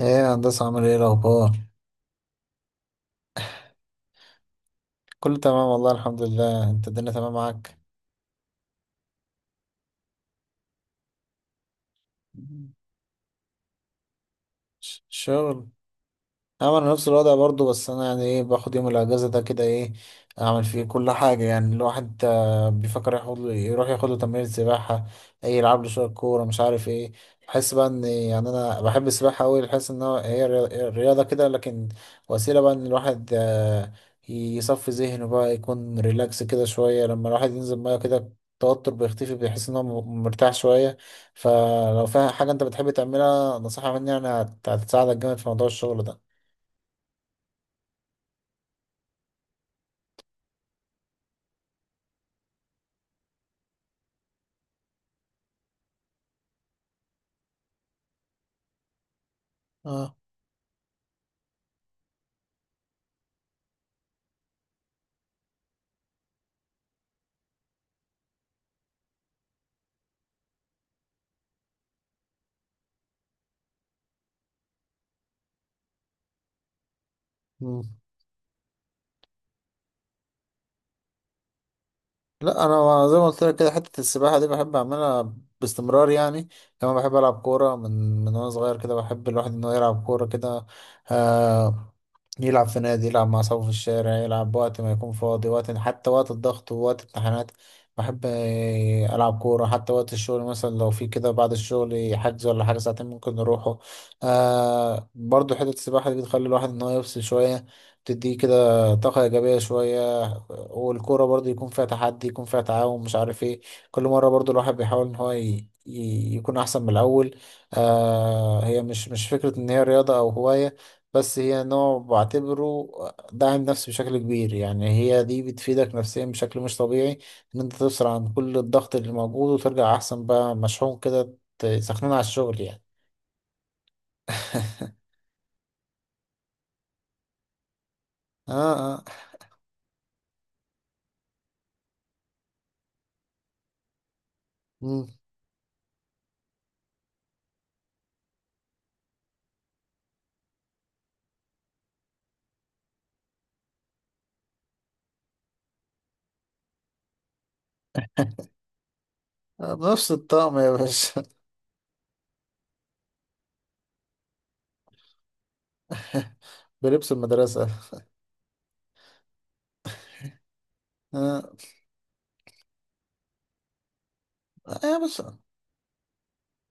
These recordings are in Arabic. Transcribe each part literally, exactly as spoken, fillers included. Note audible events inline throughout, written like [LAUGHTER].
ايه يا هندسة، عامل ايه الأخبار؟ كله تمام والله، الحمد لله. انت الدنيا تمام معاك؟ ش- شغل. انا نفس الوضع برضو. بس انا يعني ايه، باخد يوم الاجازه ده كده ايه اعمل فيه؟ كل حاجه. يعني الواحد آه، بيفكر ياخد له يروح ياخد له تمرين سباحه، اي يلعب له شويه كوره مش عارف ايه. بحس بقى ان يعني انا بحب السباحه قوي. بحس ان هو- هي ري- رياضه كده، لكن وسيله بقى ان الواحد آه، يصفي ذهنه بقى، يكون ريلاكس كده شويه. لما الواحد ينزل ميه كده التوتر بيختفي، بيحس ان هو م- مرتاح شويه. فلو فيها حاجه انت بتحب تعملها، نصيحه مني يعني هت- هتساعدك جامد في موضوع الشغل ده. اه. مم. لا انا زي ما قلت لك كده، حته السباحه دي بحب اعملها باستمرار يعني. كمان بحب العب كوره من من وانا صغير كده. بحب الواحد انه يلعب كوره كده. آه، يلعب في نادي، يلعب مع أصحابه في الشارع، يلعب وقت ما يكون فاضي، وقت حتى وقت الضغط ووقت امتحانات. بحب آه، ألعب كورة حتى وقت الشغل، مثلا لو في كده بعد الشغل حجز ولا حاجة ساعتين ممكن نروحه. آه، برضو حتة السباحة دي بتخلي الواحد إن هو يفصل شوية، بتديه كده طاقة إيجابية شوية. والكورة برضو يكون فيها تحدي، يكون فيها تعاون مش عارف إيه. كل مرة برضو الواحد بيحاول إن هو ي... ي- يكون أحسن من الأول. آه، هي مش مش فكرة إن هي رياضة أو هواية، بس هي نوع بعتبره داعم نفسي بشكل كبير. يعني هي دي بتفيدك نفسيا بشكل مش طبيعي، ان انت تفصل عن كل الضغط اللي موجود وترجع احسن بقى مشحون كده تسخنون على الشغل يعني. [LAUGHS] اه، اه. مم. آه، بنفس الطقم يا باشا. [LAUGHS] بلبس المدرسة. اه. آه، يا باشا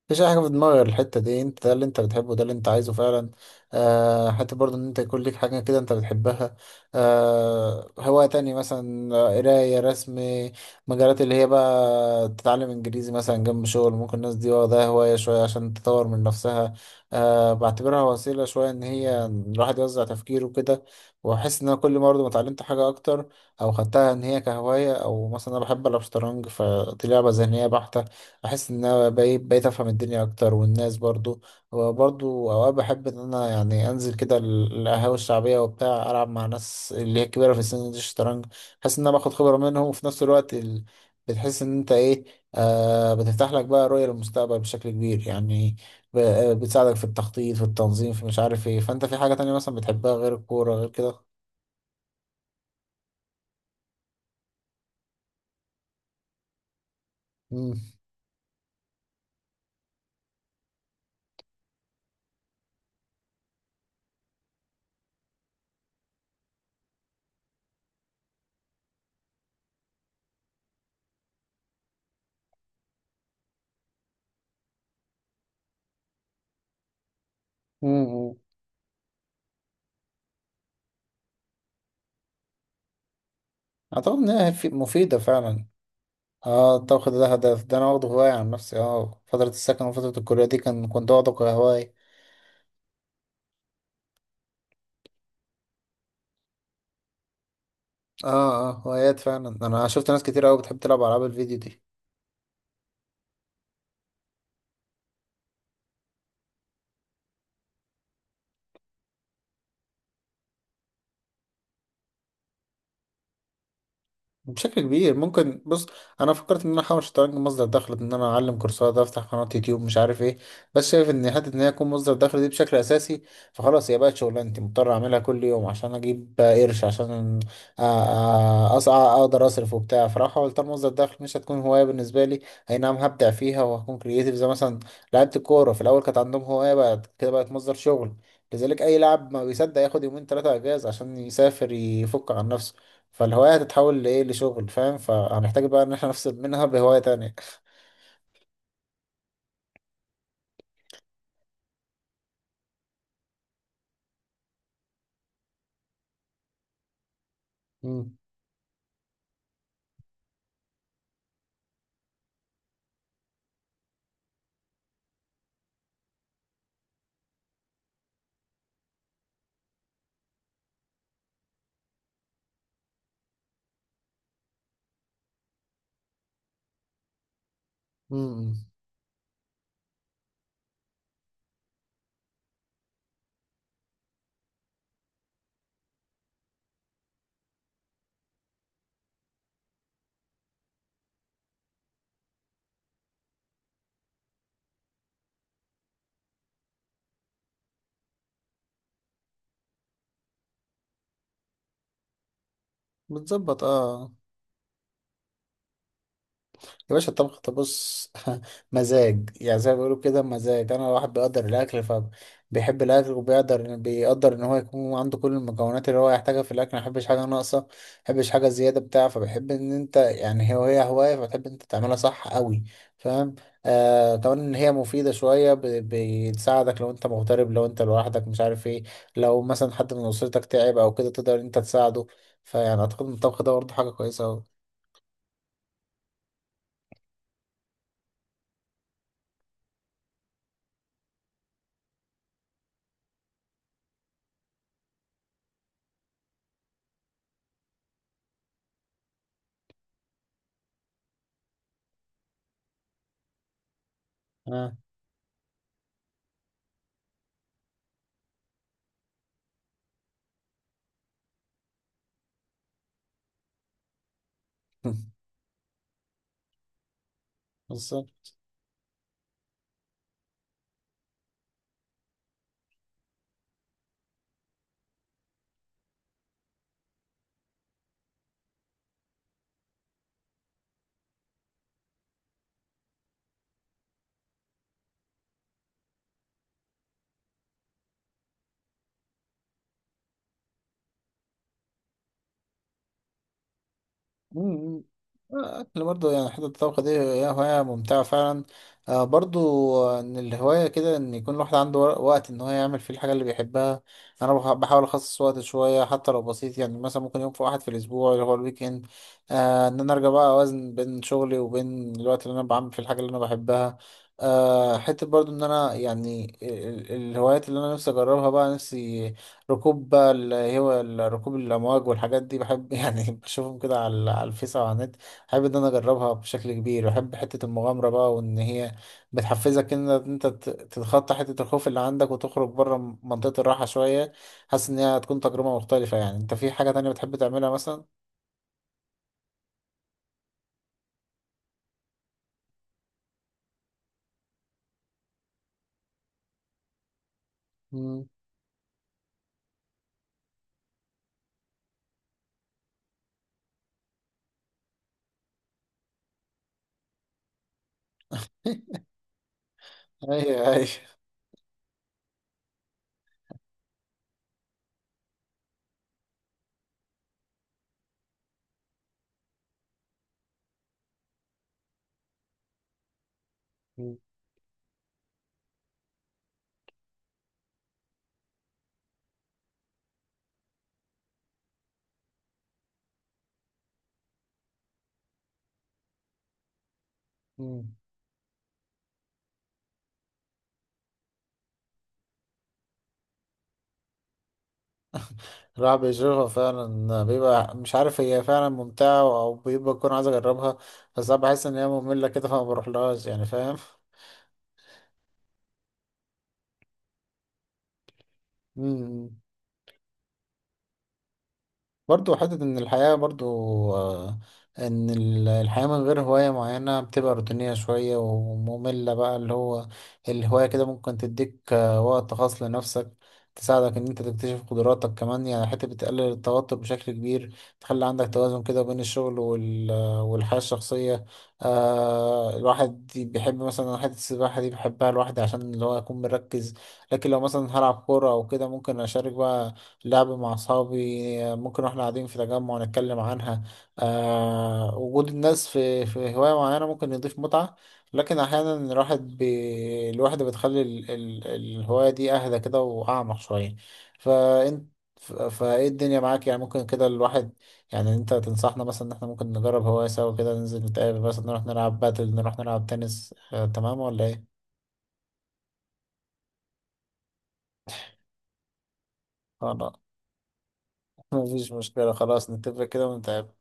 مفيش اي حاجه في دماغي غير الحته دي. انت ده اللي انت بتحبه، ده اللي انت عايزه فعلا. آه، حتى برضه ان انت يكون ليك حاجه كده انت بتحبها. آه، هوايه تاني مثلا آه، قرايه، رسم، مجالات اللي هي بقى تتعلم انجليزي مثلا جنب شغل. ممكن الناس دي واخداها هوايه شويه عشان تطور من نفسها. آه، بعتبرها وسيله شويه ان هي الواحد يوزع تفكيره كده. واحس ان انا كل ما برضه ما اتعلمت حاجه اكتر او خدتها ان هي كهوايه. او مثلا انا بحب العب شطرنج، فدي لعبه ذهنيه بحته. بحس ان انا بقيت بقيت افهم الدنيا اكتر، والناس برضو. وبرضو اوقات بحب ان انا يعني انزل كده ال- القهاوي الشعبيه وبتاع، العب مع ناس اللي هي كبيره في السن دي الشطرنج. بحس ان انا باخد خبره منهم، وفي نفس الوقت ال... بتحس ان انت ايه، آه بتفتح لك بقى رؤيه للمستقبل بشكل كبير يعني. ب... آه، بتساعدك في التخطيط، في التنظيم، في مش عارف ايه. فانت في حاجه تانية مثلا بتحبها غير الكوره غير كده؟ امم. امم. اعتقد انها في- مفيده فعلا. اه، الطبخ ده هدف، ده انا واخده هواية عن نفسي. اه فترة السكن وفترة الكلية دي كان كنت واخده كهواية. اه، اه، هوايات فعلا. انا شفت ناس كتير اوي بتحب تلعب العاب الفيديو دي. بشكل كبير ممكن. بص، انا فكرت ان انا احاول شطرنج مصدر دخل، ان انا اعلم كورسات، افتح قناه يوتيوب، مش عارف ايه. بس شايف ان حته ان هي تكون مصدر دخل دي بشكل اساسي، فخلاص هي بقت شغلانتي مضطر اعملها كل يوم عشان اجيب قرش، عشان أ- أ- أص- اقدر اصرف وبتاع. فراح احاول، طالما مصدر دخل مش هتكون هوايه بالنسبه لي، اي نعم هبدع فيها وهكون كرييتيف. زي مثلا لعيبه الكوره في الاول كانت عندهم هوايه، بعد كده بقت مصدر شغل. لذلك اي لاعب ما بيصدق ياخد يومين ثلاثه اجازه عشان يسافر يفك عن نفسه. فالهواية هتتحول لإيه، لشغل، فاهم؟ فهنحتاج بقى إن احنا نفصل منها بهواية تانية. مم. مم. بتظبط، اه. يا باشا الطبخ ده بص. [LAUGHS] مزاج، يعني زي ما بيقولوا كده مزاج. انا واحد بيقدر الاكل، فبيحب الاكل، وبيقدر بيقدر ان هو يكون عنده كل المكونات اللي هو يحتاجها في الاكل، ما يحبش حاجه ناقصه، ما يحبش حاجه زياده بتاع. فبيحب ان انت يعني هي وهي هوايه فتحب انت تعملها صح قوي، فاهم؟ آه، كمان ان هي مفيده شويه، ب- بتساعدك لو انت مغترب، لو انت لوحدك مش عارف ايه. لو مثلا حد من اسرتك تعب او كده تقدر انت تساعده. فيعني اعتقد ان الطبخ ده برضه حاجه كويسه قوي. اه. [LAUGHS] بالظبط. مم. احنا برضه يعني حتة الطبخ دي هي هواية ممتعة فعلا. آه، برضه آه، ان الهواية كده ان يكون الواحد عنده ور- وقت ان هو يعمل فيه الحاجة اللي بيحبها. انا بح- بحاول اخصص وقت شوية حتى لو بسيط. يعني مثلا ممكن يوم في واحد في الاسبوع اللي هو الويكند، آه، ان انا ارجع بقى اوازن بين شغلي وبين الوقت اللي انا بعمل فيه الحاجة اللي انا بحبها. آه، حتة برضه ان انا يعني ال- ال- الهوايات اللي انا نفسي اجربها بقى، نفسي ركوب بقى اللي هو ال- ركوب الامواج والحاجات دي بحب. [LAUGHS] يعني بشوفهم كده على على الفيس او على النت. بحب ان انا اجربها بشكل كبير. بحب حته المغامره بقى، وان هي بتحفزك ان انت ت- تتخطى حته الخوف اللي عندك وتخرج بره منطقه الراحه شويه. حاسس ان هي هتكون تجربه مختلفه يعني. انت في حاجه تانية بتحب تعملها مثلا؟ مم. ايوه، ايوه. مم. مم. الواحد بيجربها فعلا، بيبقى مش عارف هي فعلا ممتعة أو بيبقى يكون عايز أجربها. بس أنا بحس إن هي مملة كده فما بروحلهاش يعني، فاهم؟ مم. برضو حتة إن الحياة برضو، آه، إن ال- الحياة من غير هواية معينة بتبقى روتينية شوية ومملة بقى. اللي هو الهواية كده ممكن تديك آه، وقت خاص لنفسك، تساعدك إن أنت تكتشف قدراتك كمان يعني. حتى بتقلل التوتر بشكل كبير، تخلي عندك توازن كده بين الشغل وال... والحياة الشخصية. آه، الواحد بيحب مثلا حتة السباحة دي بحبها لوحدي عشان اللي هو أكون مركز. لكن لو مثلا هلعب كورة أو كده ممكن أشارك بقى، لعب مع أصحابي. ممكن واحنا قاعدين في تجمع نتكلم عنها. آه، وجود الناس في في هواية معينة ممكن يضيف متعة. لكن أحيانا الواحد بي... الواحدة بتخلي ال... ال... الهواية دي أهدى كده وأعمق شوية. فأنت ف- فإيه الدنيا معاك يعني؟ ممكن كده الواحد، يعني أنت تنصحنا مثلا إن إحنا ممكن نجرب هواية سوا كده، ننزل نتقابل مثلا نروح نلعب باتل، نروح نلعب تنس، آه تمام ولا إيه؟ خلاص. [LAUGHS] مفيش مشكلة، خلاص نتفق كده ونتقابل.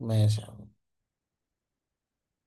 ماشي يا عم.